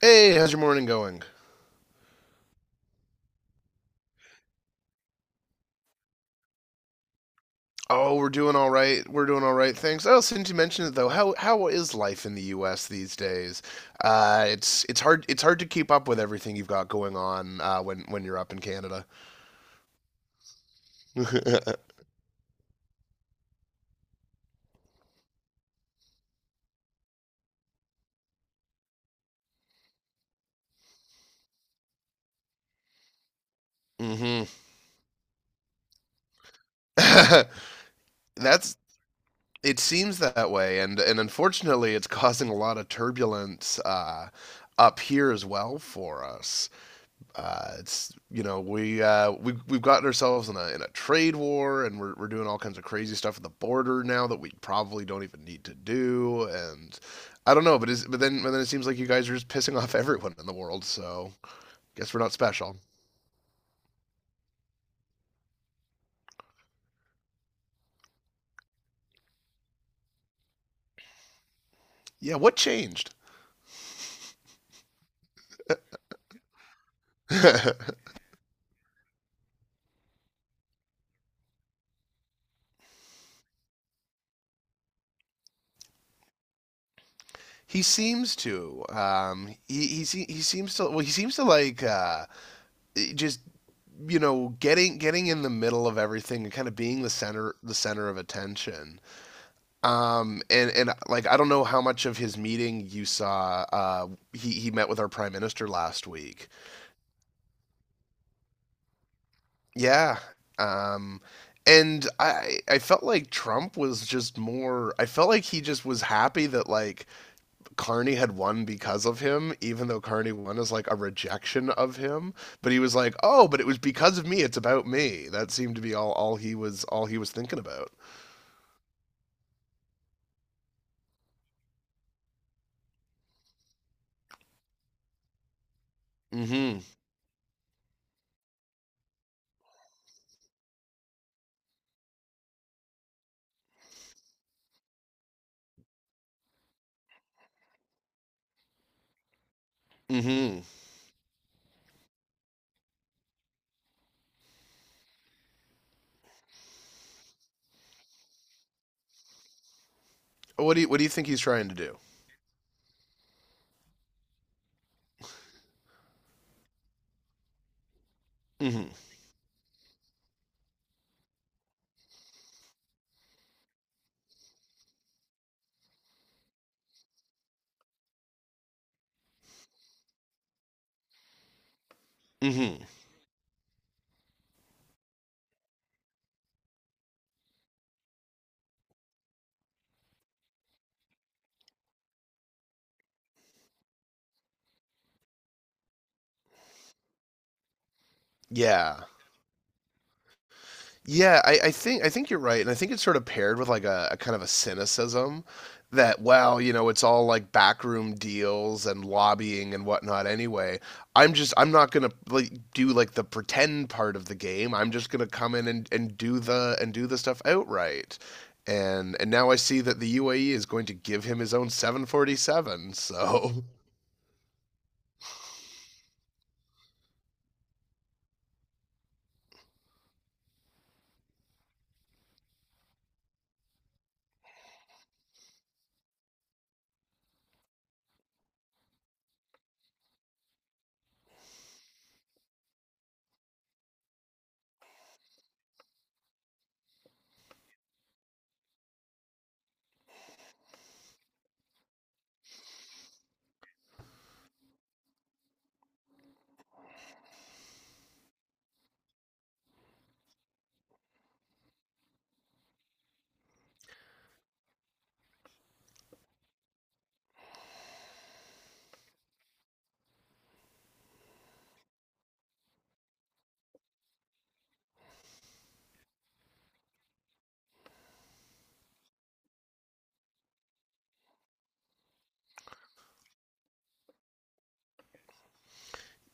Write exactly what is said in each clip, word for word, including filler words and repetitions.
Hey, how's your morning going? Oh, we're doing all right. We're doing all right. Thanks. Oh, since you mentioned it though, how how is life in the U S these days? Uh, it's it's hard it's hard to keep up with everything you've got going on uh, when when you're up in Canada. Hmm. That's it seems that way, and and unfortunately, it's causing a lot of turbulence uh, up here as well for us. Uh, it's you know we uh, we we've gotten ourselves in a in a trade war, and we're we're doing all kinds of crazy stuff at the border now that we probably don't even need to do. And I don't know, but is but then but then it seems like you guys are just pissing off everyone in the world. So guess we're not special. Yeah, what changed? He seems to. Um, he he se- he seems to. Well, he seems to like uh, just you know getting getting in the middle of everything and kind of being the center the center of attention. Um, and and like I don't know how much of his meeting you saw. Uh, he he met with our prime minister last week. Yeah. Um, and I I felt like Trump was just more. I felt like he just was happy that like Carney had won because of him, even though Carney won as like a rejection of him. But he was like, oh, but it was because of me. It's about me. That seemed to be all all he was all he was thinking about. Mm-hmm. Mm-hmm. What do you what do you think he's trying to do? Mm-hmm. Mm-hmm. Yeah. Yeah, I, I think I think you're right, and I think it's sort of paired with like a, a kind of a cynicism that, well, you know, it's all like backroom deals and lobbying and whatnot anyway. I'm just I'm not gonna like do like the pretend part of the game. I'm just gonna come in and, and do the and do the stuff outright. And and now I see that the U A E is going to give him his own seven forty-seven, so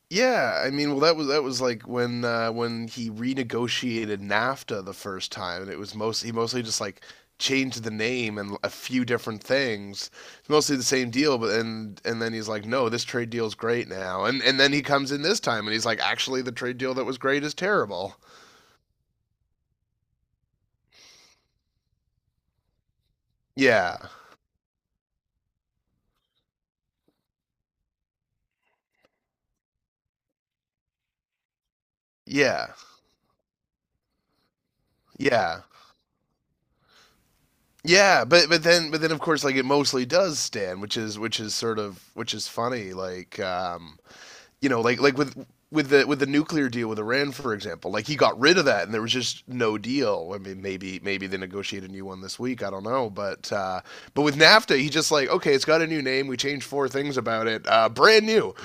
yeah, I mean, well, that was that was like when uh, when he renegotiated NAFTA the first time, and it was most he mostly just like changed the name and a few different things. It's mostly the same deal. But and and then he's like, no, this trade deal's great now, and and then he comes in this time and he's like, actually, the trade deal that was great is terrible. Yeah, yeah, yeah. Yeah, but but then but then of course like it mostly does stand, which is which is sort of which is funny like um you know, like like with with the with the nuclear deal with Iran, for example, like he got rid of that, and there was just no deal. I mean, maybe maybe they negotiate a new one this week. I don't know, but uh, but with NAFTA, he just like okay, it's got a new name. We changed four things about it. Uh, brand new.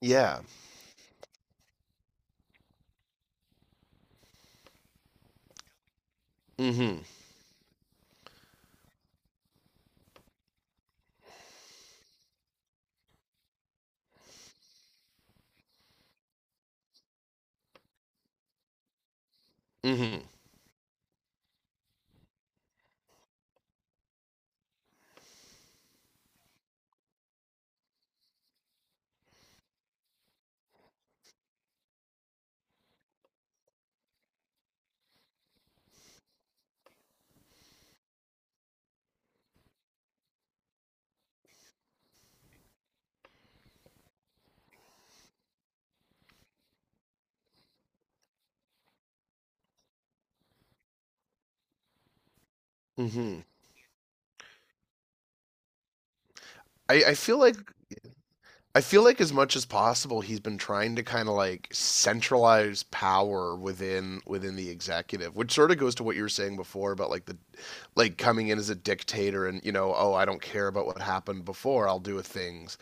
Yeah. Mm-hmm. Mm-hmm. Mm-hmm. I, I feel like I feel like as much as possible he's been trying to kind of like centralize power within within the executive, which sort of goes to what you were saying before about like the like coming in as a dictator and you know, oh, I don't care about what happened before. I'll do things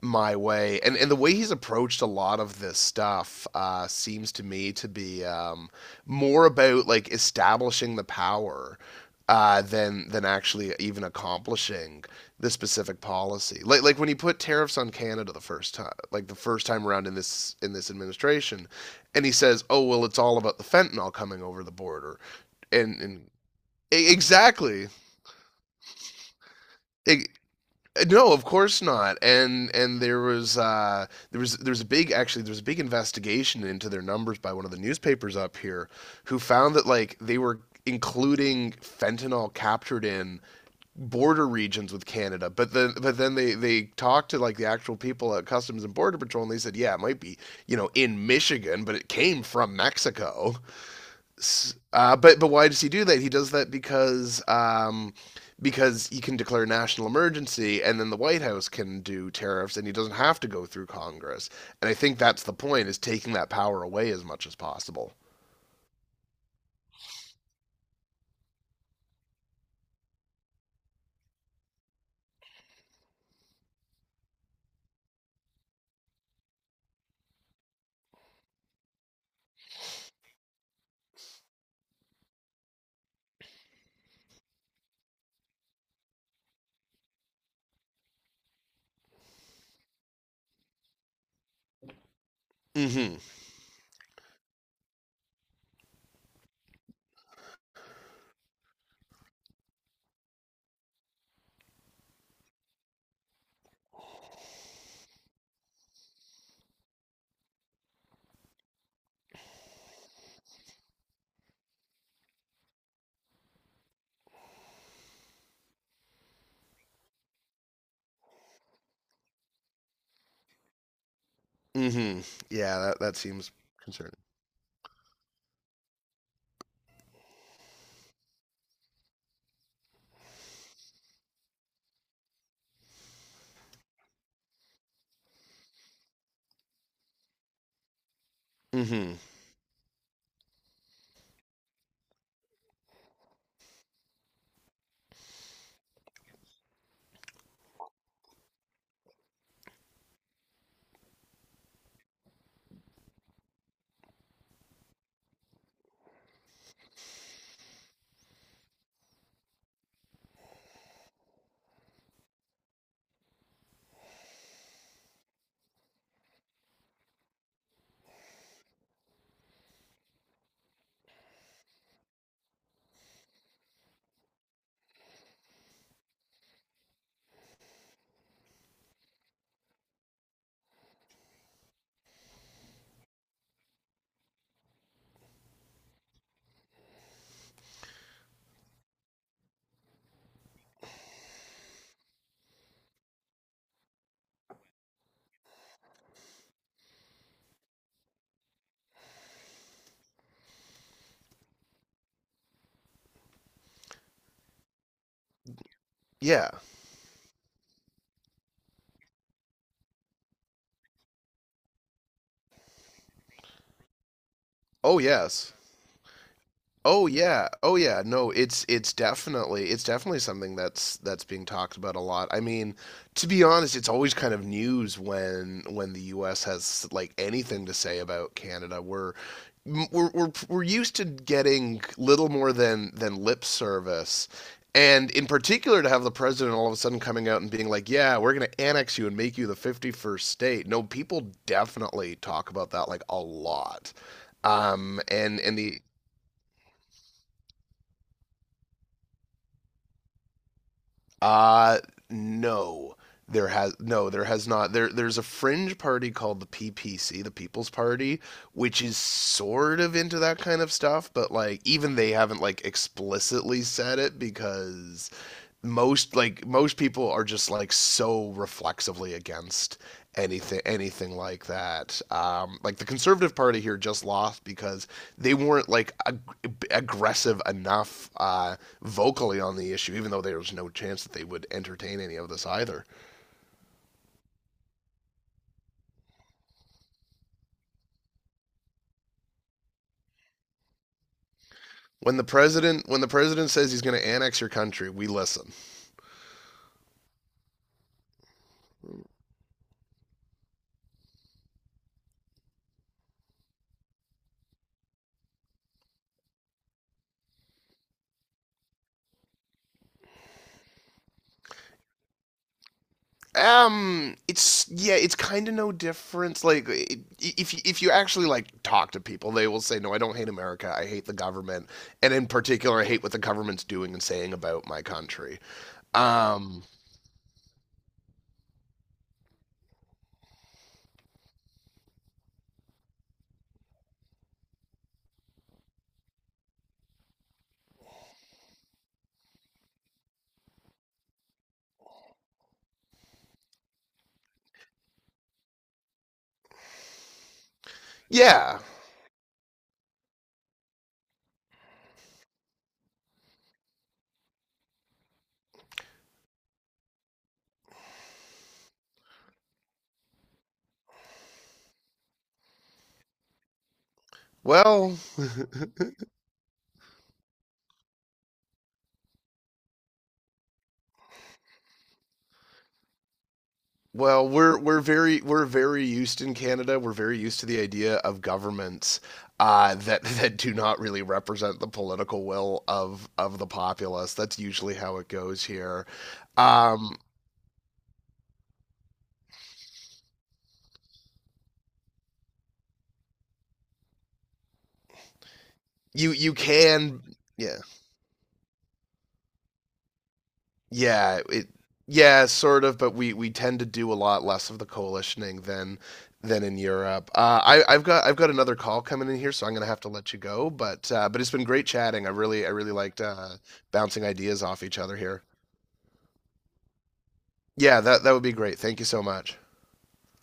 my way. And and the way he's approached a lot of this stuff uh, seems to me to be um, more about like establishing the power uh, than than actually even accomplishing the specific policy. Like like when he put tariffs on Canada the first time, like the first time around in this in this administration, and he says, "Oh well, it's all about the fentanyl coming over the border," and and e- exactly. E- no, of course not. And and there was uh, there was there was a big actually there was a big investigation into their numbers by one of the newspapers up here, who found that like they were including fentanyl captured in border regions with Canada. But then but then they they talked to like the actual people at Customs and Border Patrol and they said, "Yeah, it might be, you know, in Michigan, but it came from Mexico." Uh, but but why does he do that? He does that because um because he can declare national emergency and then the White House can do tariffs and he doesn't have to go through Congress. And I think that's the point is taking that power away as much as possible. Mhm. Mhm. Yeah, that that seems concerning. Mhm. Yeah. Oh, yes. Oh yeah. Oh yeah. No, it's it's definitely it's definitely something that's that's being talked about a lot. I mean, to be honest, it's always kind of news when when the U S has like anything to say about Canada. We're m- we're we're, we're used to getting little more than than lip service. And in particular, to have the president all of a sudden coming out and being like, "Yeah, we're going to annex you and make you the fifty-first state." No, people definitely talk about that like a lot. Um, and and the uh, no. There has no, there has not. There there's a fringe party called the P P C, the People's Party, which is sort of into that kind of stuff, but like even they haven't like explicitly said it because most like most people are just like so reflexively against anything anything like that. Um, like the Conservative Party here just lost because they weren't like ag- aggressive enough uh, vocally on the issue, even though there was no chance that they would entertain any of this either. When the president when the president says he's going to annex your country, we listen. Um, it's yeah, it's kind of no difference. Like i- if you- if you actually like talk to people, they will say, "No, I don't hate America. I hate the government, and in particular, I hate what the government's doing and saying about my country." Um, yeah. Well, well, we're we're very we're very used in Canada. We're very used to the idea of governments uh, that that do not really represent the political will of of the populace. That's usually how it goes here. Um, you you can yeah yeah it yeah sort of, but we we tend to do a lot less of the coalitioning than than in Europe. Uh, I I've got I've got another call coming in here, so I'm gonna have to let you go. But uh, but it's been great chatting. I really I really liked uh, bouncing ideas off each other here. Yeah, that that would be great. Thank you so much.